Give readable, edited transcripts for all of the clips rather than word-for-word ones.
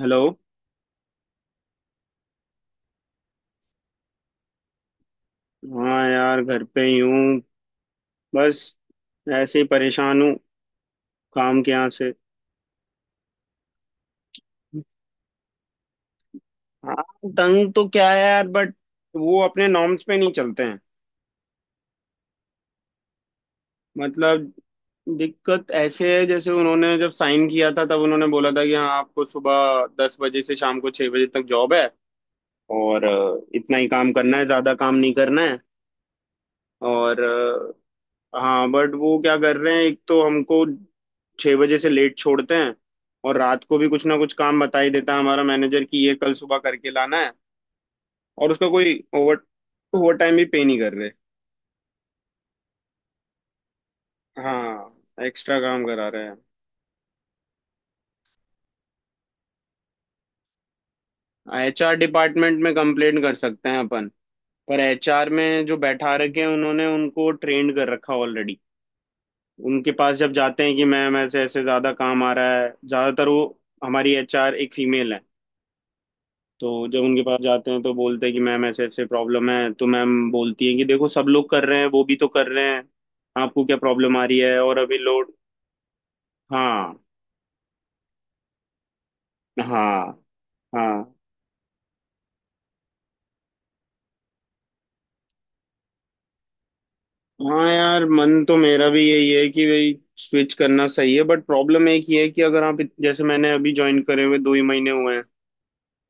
Hello. हाँ यार, घर पे ही हूँ। बस, ऐसे ही परेशान हूँ काम के यहाँ से। हाँ, तंग तो क्या है यार, बट वो अपने नॉर्म्स पे नहीं चलते हैं। मतलब, दिक्कत ऐसे है जैसे उन्होंने जब साइन किया था तब उन्होंने बोला था कि हाँ, आपको सुबह 10 बजे से शाम को 6 बजे तक जॉब है, और इतना ही काम करना है, ज्यादा काम नहीं करना है। और हाँ, बट वो क्या कर रहे हैं, एक तो हमको 6 बजे से लेट छोड़ते हैं, और रात को भी कुछ ना कुछ काम बता ही देता है हमारा मैनेजर कि ये कल सुबह करके लाना है, और उसका कोई ओवर ओवर टाइम भी पे नहीं कर रहे। हाँ, एक्स्ट्रा काम करा रहे हैं। एचआर डिपार्टमेंट में कंप्लेंट कर सकते हैं अपन, पर एचआर में जो बैठा रखे हैं उन्होंने, उनको ट्रेंड कर रखा ऑलरेडी। उनके पास जब जाते हैं कि मैम ऐसे ऐसे ज्यादा काम आ रहा है, ज्यादातर वो। हमारी एचआर एक फीमेल है, तो जब उनके पास जाते हैं तो बोलते हैं कि मैम ऐसे ऐसे प्रॉब्लम है, तो मैम बोलती हैं कि देखो सब लोग कर रहे हैं, वो भी तो कर रहे हैं, आपको क्या प्रॉब्लम आ रही है, और अभी लोड। हाँ, हाँ, हाँ। हाँ यार, मन तो मेरा भी यही है कि भाई, स्विच करना सही है, बट प्रॉब्लम एक ही है कि अगर आप जैसे मैंने अभी ज्वाइन करे हुए 2 ही महीने हुए हैं।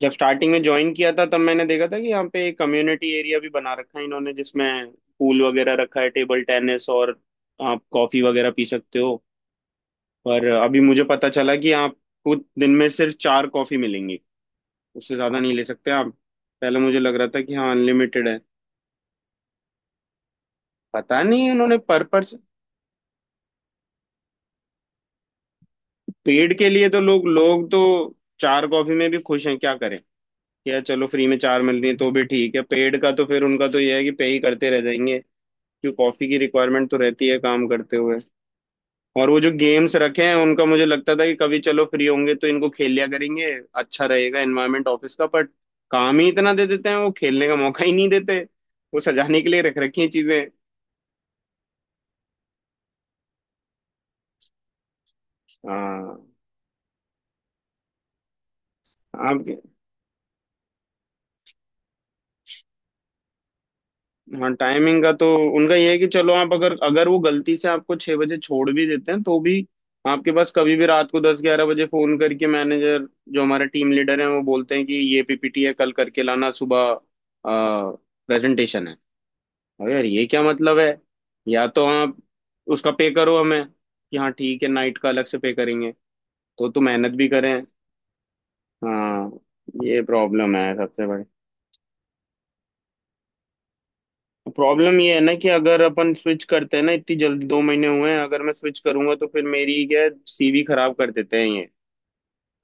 जब स्टार्टिंग में ज्वाइन किया था तब मैंने देखा था कि यहाँ पे एक कम्युनिटी एरिया भी बना रखा है इन्होंने, जिसमें पूल वगैरह रखा है, टेबल टेनिस, और आप कॉफी वगैरह पी सकते हो। पर अभी मुझे पता चला कि आपको दिन में सिर्फ चार कॉफी मिलेंगी, उससे ज्यादा नहीं ले सकते आप। पहले मुझे लग रहा था कि हाँ, अनलिमिटेड है। पता नहीं उन्होंने पर पर्सन पेड़ के लिए, तो लोग लोग तो चार कॉफी में भी खुश हैं, क्या करें। क्या, चलो फ्री में चार मिल रही है तो भी ठीक है, पेड़ का तो फिर उनका तो यह है कि पे ही करते रह जाएंगे। क्यों, कॉफी की रिक्वायरमेंट तो रहती है काम करते हुए। और वो जो गेम्स रखे हैं, उनका मुझे लगता था कि कभी चलो फ्री होंगे तो इनको खेल लिया करेंगे, अच्छा रहेगा एनवायरनमेंट ऑफिस का। बट काम ही इतना दे देते हैं, वो खेलने का मौका ही नहीं देते। वो सजाने के लिए रख रखी हैं चीजें। हाँ। आप। हाँ, टाइमिंग का तो उनका ये है कि चलो आप, अगर अगर वो गलती से आपको 6 बजे छोड़ भी देते हैं तो भी आपके पास कभी भी रात को 10-11 बजे फोन करके मैनेजर, जो हमारे टीम लीडर हैं, वो बोलते हैं कि ये पीपीटी है कल करके लाना सुबह, प्रेजेंटेशन है। अरे यार, ये क्या मतलब है। या तो आप उसका पे करो हमें कि हाँ ठीक है, नाइट का अलग से पे करेंगे, तो मेहनत भी करें। हाँ, ये प्रॉब्लम है सबसे बड़ी। प्रॉब्लम ये है ना कि अगर अपन स्विच करते हैं ना, इतनी जल्दी, 2 महीने हुए हैं, अगर मैं स्विच करूंगा तो फिर मेरी क्या, सीवी खराब कर देते हैं ये।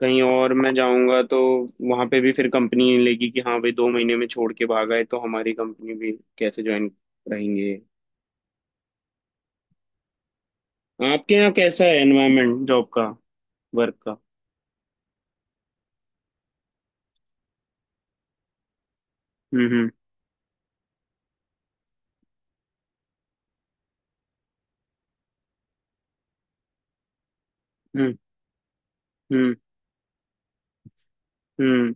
कहीं और मैं जाऊंगा तो वहां पे भी फिर कंपनी नहीं लेगी कि हाँ भाई, 2 महीने में छोड़ के भागा है, तो हमारी कंपनी भी कैसे ज्वाइन रहेंगे। आपके यहाँ कैसा है एनवायरमेंट जॉब का, वर्क का। हम्म, हम्म, हम्म, हम्म।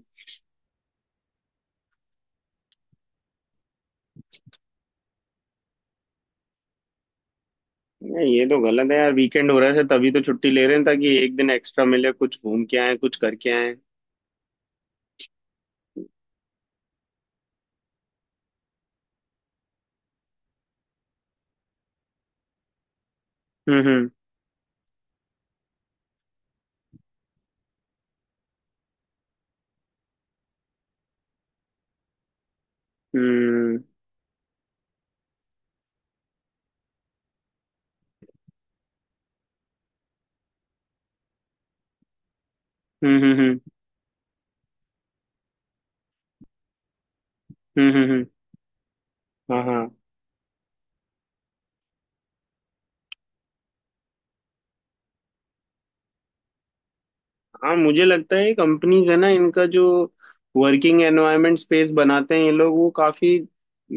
नहीं, ये तो गलत है यार, वीकेंड हो रहा है तभी तो छुट्टी ले रहे हैं, ताकि एक दिन एक्स्ट्रा मिले, कुछ घूम के आए, कुछ करके आए। हम्म, हम्म, हम्म। हम्म, हम्म, हम्म, हम्म, हम्म। हाँ, हाँ। हाँ, मुझे लगता है कंपनीज है ना इनका, जो वर्किंग एनवायरनमेंट स्पेस बनाते हैं ये लोग, वो काफी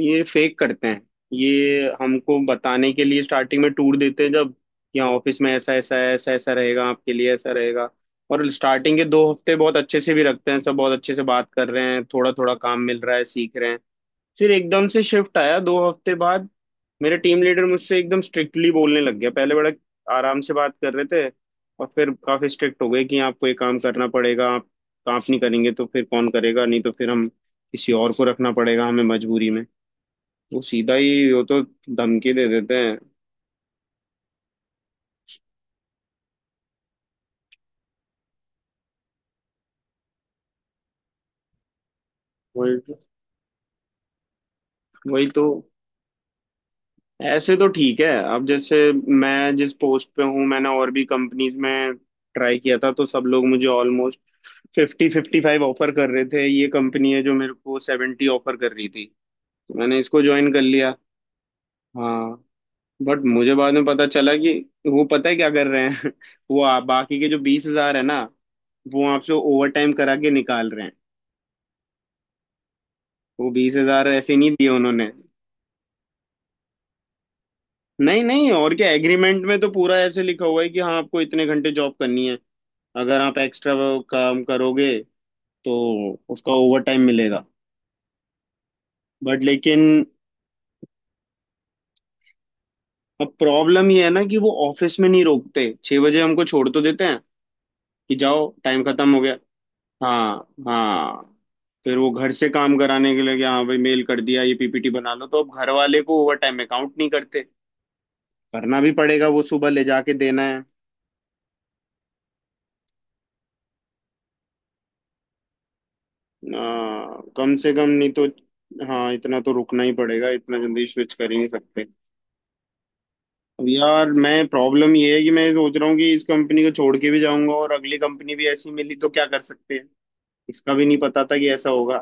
ये फेक करते हैं। ये हमको बताने के लिए स्टार्टिंग में टूर देते हैं, जब कि हाँ ऑफिस में ऐसा ऐसा है, ऐसा ऐसा रहेगा आपके लिए, ऐसा रहेगा। और स्टार्टिंग के 2 हफ्ते बहुत अच्छे से भी रखते हैं, सब बहुत अच्छे से बात कर रहे हैं, थोड़ा थोड़ा काम मिल रहा है, सीख रहे हैं। फिर एकदम से शिफ्ट आया 2 हफ्ते बाद। मेरे टीम लीडर मुझसे एकदम स्ट्रिक्टली बोलने लग गया, पहले बड़ा आराम से बात कर रहे थे, और फिर काफी स्ट्रिक्ट हो गए कि आपको ये काम करना पड़ेगा, आप नहीं करेंगे तो फिर कौन करेगा, नहीं तो फिर हम किसी और को रखना पड़ेगा हमें मजबूरी में। वो सीधा ही, वो तो धमकी दे देते हैं। वही तो। वही तो। ऐसे तो ठीक है। अब जैसे मैं जिस पोस्ट पे हूँ, मैंने और भी कंपनीज में ट्राई किया था तो सब लोग मुझे 50, 55 ऑफर कर रहे थे, ये कंपनी है जो मेरे को 70 ऑफर कर रही थी, तो मैंने इसको ज्वाइन कर लिया। हाँ, बट मुझे बाद में पता चला कि वो पता है क्या कर रहे हैं वो, बाकी के जो 20,000 है ना, वो आपसे ओवर टाइम करा के निकाल रहे हैं। वो 20,000 ऐसे नहीं दिए उन्होंने। नहीं नहीं, और क्या, एग्रीमेंट में तो पूरा ऐसे लिखा हुआ है कि हाँ आपको इतने घंटे जॉब करनी है, अगर आप एक्स्ट्रा काम करोगे तो उसका ओवर टाइम मिलेगा। बट लेकिन अब प्रॉब्लम ये है ना कि वो ऑफिस में नहीं रोकते, 6 बजे हमको छोड़ तो देते हैं कि जाओ टाइम खत्म हो गया। हाँ, हाँ। फिर वो घर से काम कराने के लिए कि हाँ भाई, मेल कर दिया, ये पीपीटी बना लो, तो अब घर वाले को ओवर टाइम अकाउंट नहीं करते, करना भी पड़ेगा, वो सुबह ले जाके देना है। कम से कम नहीं तो, हाँ इतना तो रुकना ही पड़ेगा, इतना जल्दी स्विच कर ही नहीं सकते। अब यार मैं, प्रॉब्लम ये है कि मैं सोच रहा हूँ कि इस कंपनी को छोड़ के भी जाऊंगा और अगली कंपनी भी ऐसी मिली तो क्या कर सकते हैं। इसका भी नहीं पता था कि ऐसा होगा।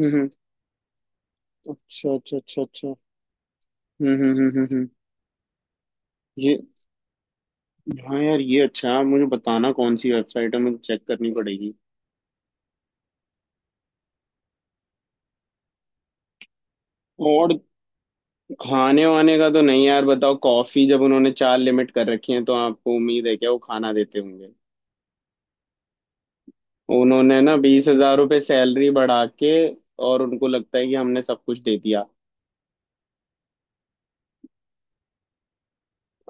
हम्म, अच्छा, अच्छा, अच्छा, अच्छा। हम्म, हम्म, हम्म, हम्म, ये, हाँ यार, ये अच्छा है, मुझे बताना कौन सी वेबसाइट है, मुझे चेक करनी पड़ेगी। और खाने वाने का तो नहीं यार, बताओ, कॉफी जब उन्होंने चार लिमिट कर रखी है, तो आपको उम्मीद है क्या वो खाना देते होंगे। उन्होंने ना 20,000 रुपये सैलरी बढ़ा के और उनको लगता है कि हमने सब कुछ दे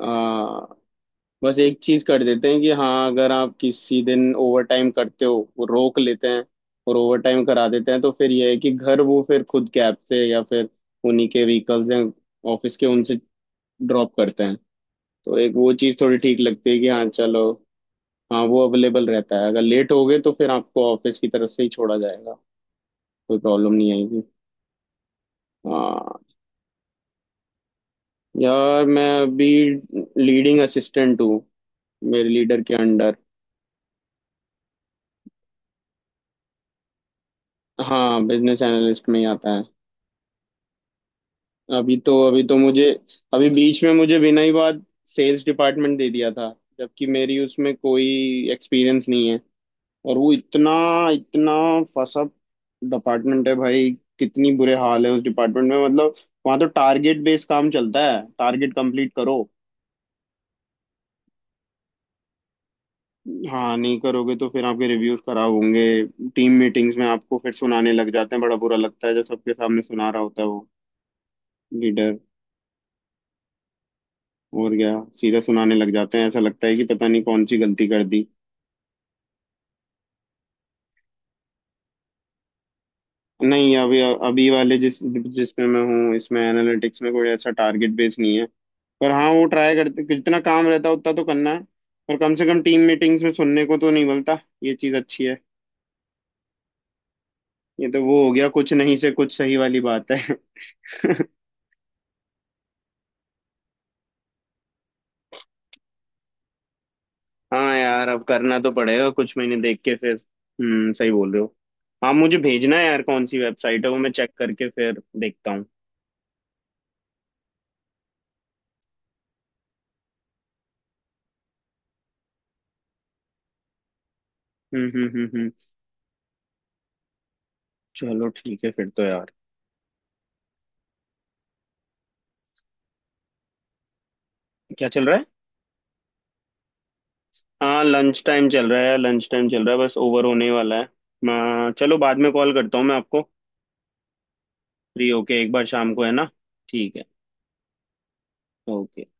दिया। बस एक चीज कर देते हैं कि हाँ, अगर आप किसी दिन ओवर टाइम करते हो, वो रोक लेते हैं और ओवर टाइम करा देते हैं, तो फिर ये है कि घर, वो फिर खुद कैब से, या फिर उन्हीं के व्हीकल्स हैं ऑफिस के, उनसे ड्रॉप करते हैं। तो एक वो चीज़ थोड़ी ठीक लगती है कि हाँ चलो। हाँ, वो अवेलेबल रहता है, अगर लेट हो गए तो फिर आपको ऑफिस की तरफ से ही छोड़ा जाएगा, कोई प्रॉब्लम नहीं आएगी। हाँ, यार मैं अभी लीडिंग असिस्टेंट हूँ, मेरे लीडर के अंडर। हाँ, बिजनेस एनालिस्ट में ही आता है। अभी तो मुझे, अभी बीच में मुझे बिना ही बात सेल्स डिपार्टमेंट दे दिया था, जबकि मेरी उसमें कोई एक्सपीरियंस नहीं है, और वो इतना इतना फसा डिपार्टमेंट है भाई, कितनी बुरे हाल है उस डिपार्टमेंट में, मतलब वहाँ तो टारगेट बेस्ड काम चलता है, टारगेट कंप्लीट करो। हाँ, नहीं करोगे तो फिर आपके रिव्यूज खराब होंगे। टीम मीटिंग्स में आपको फिर सुनाने लग जाते हैं, बड़ा बुरा लगता है जब सबके सामने सुना रहा होता है वो लीडर। और क्या, सीधा सुनाने लग जाते हैं, ऐसा लगता है कि पता नहीं कौन सी गलती कर दी। नहीं, अभी अभी वाले जिसमें मैं हूँ, इसमें एनालिटिक्स में कोई ऐसा टारगेट बेस नहीं है, पर हाँ, वो ट्राई करते जितना काम रहता है उतना तो करना है, पर कम से कम टीम मीटिंग्स में सुनने को तो नहीं मिलता, ये चीज़ अच्छी है। ये तो वो हो गया, कुछ नहीं से कुछ सही वाली बात है। हाँ यार, अब करना तो पड़ेगा, कुछ महीने देख के फिर। हम्म, सही बोल रहे हो। हाँ, मुझे भेजना है यार कौन सी वेबसाइट है, वो मैं चेक करके फिर देखता हूँ। हम्म, हम्म, हम्म, हम्म। चलो ठीक है फिर तो यार। क्या चल रहा है। हाँ, लंच टाइम चल रहा है, लंच टाइम चल रहा है, बस ओवर होने वाला है। मैं चलो बाद में कॉल करता हूँ मैं आपको, फ्री होके एक बार शाम को, है ना। ठीक है। ओके।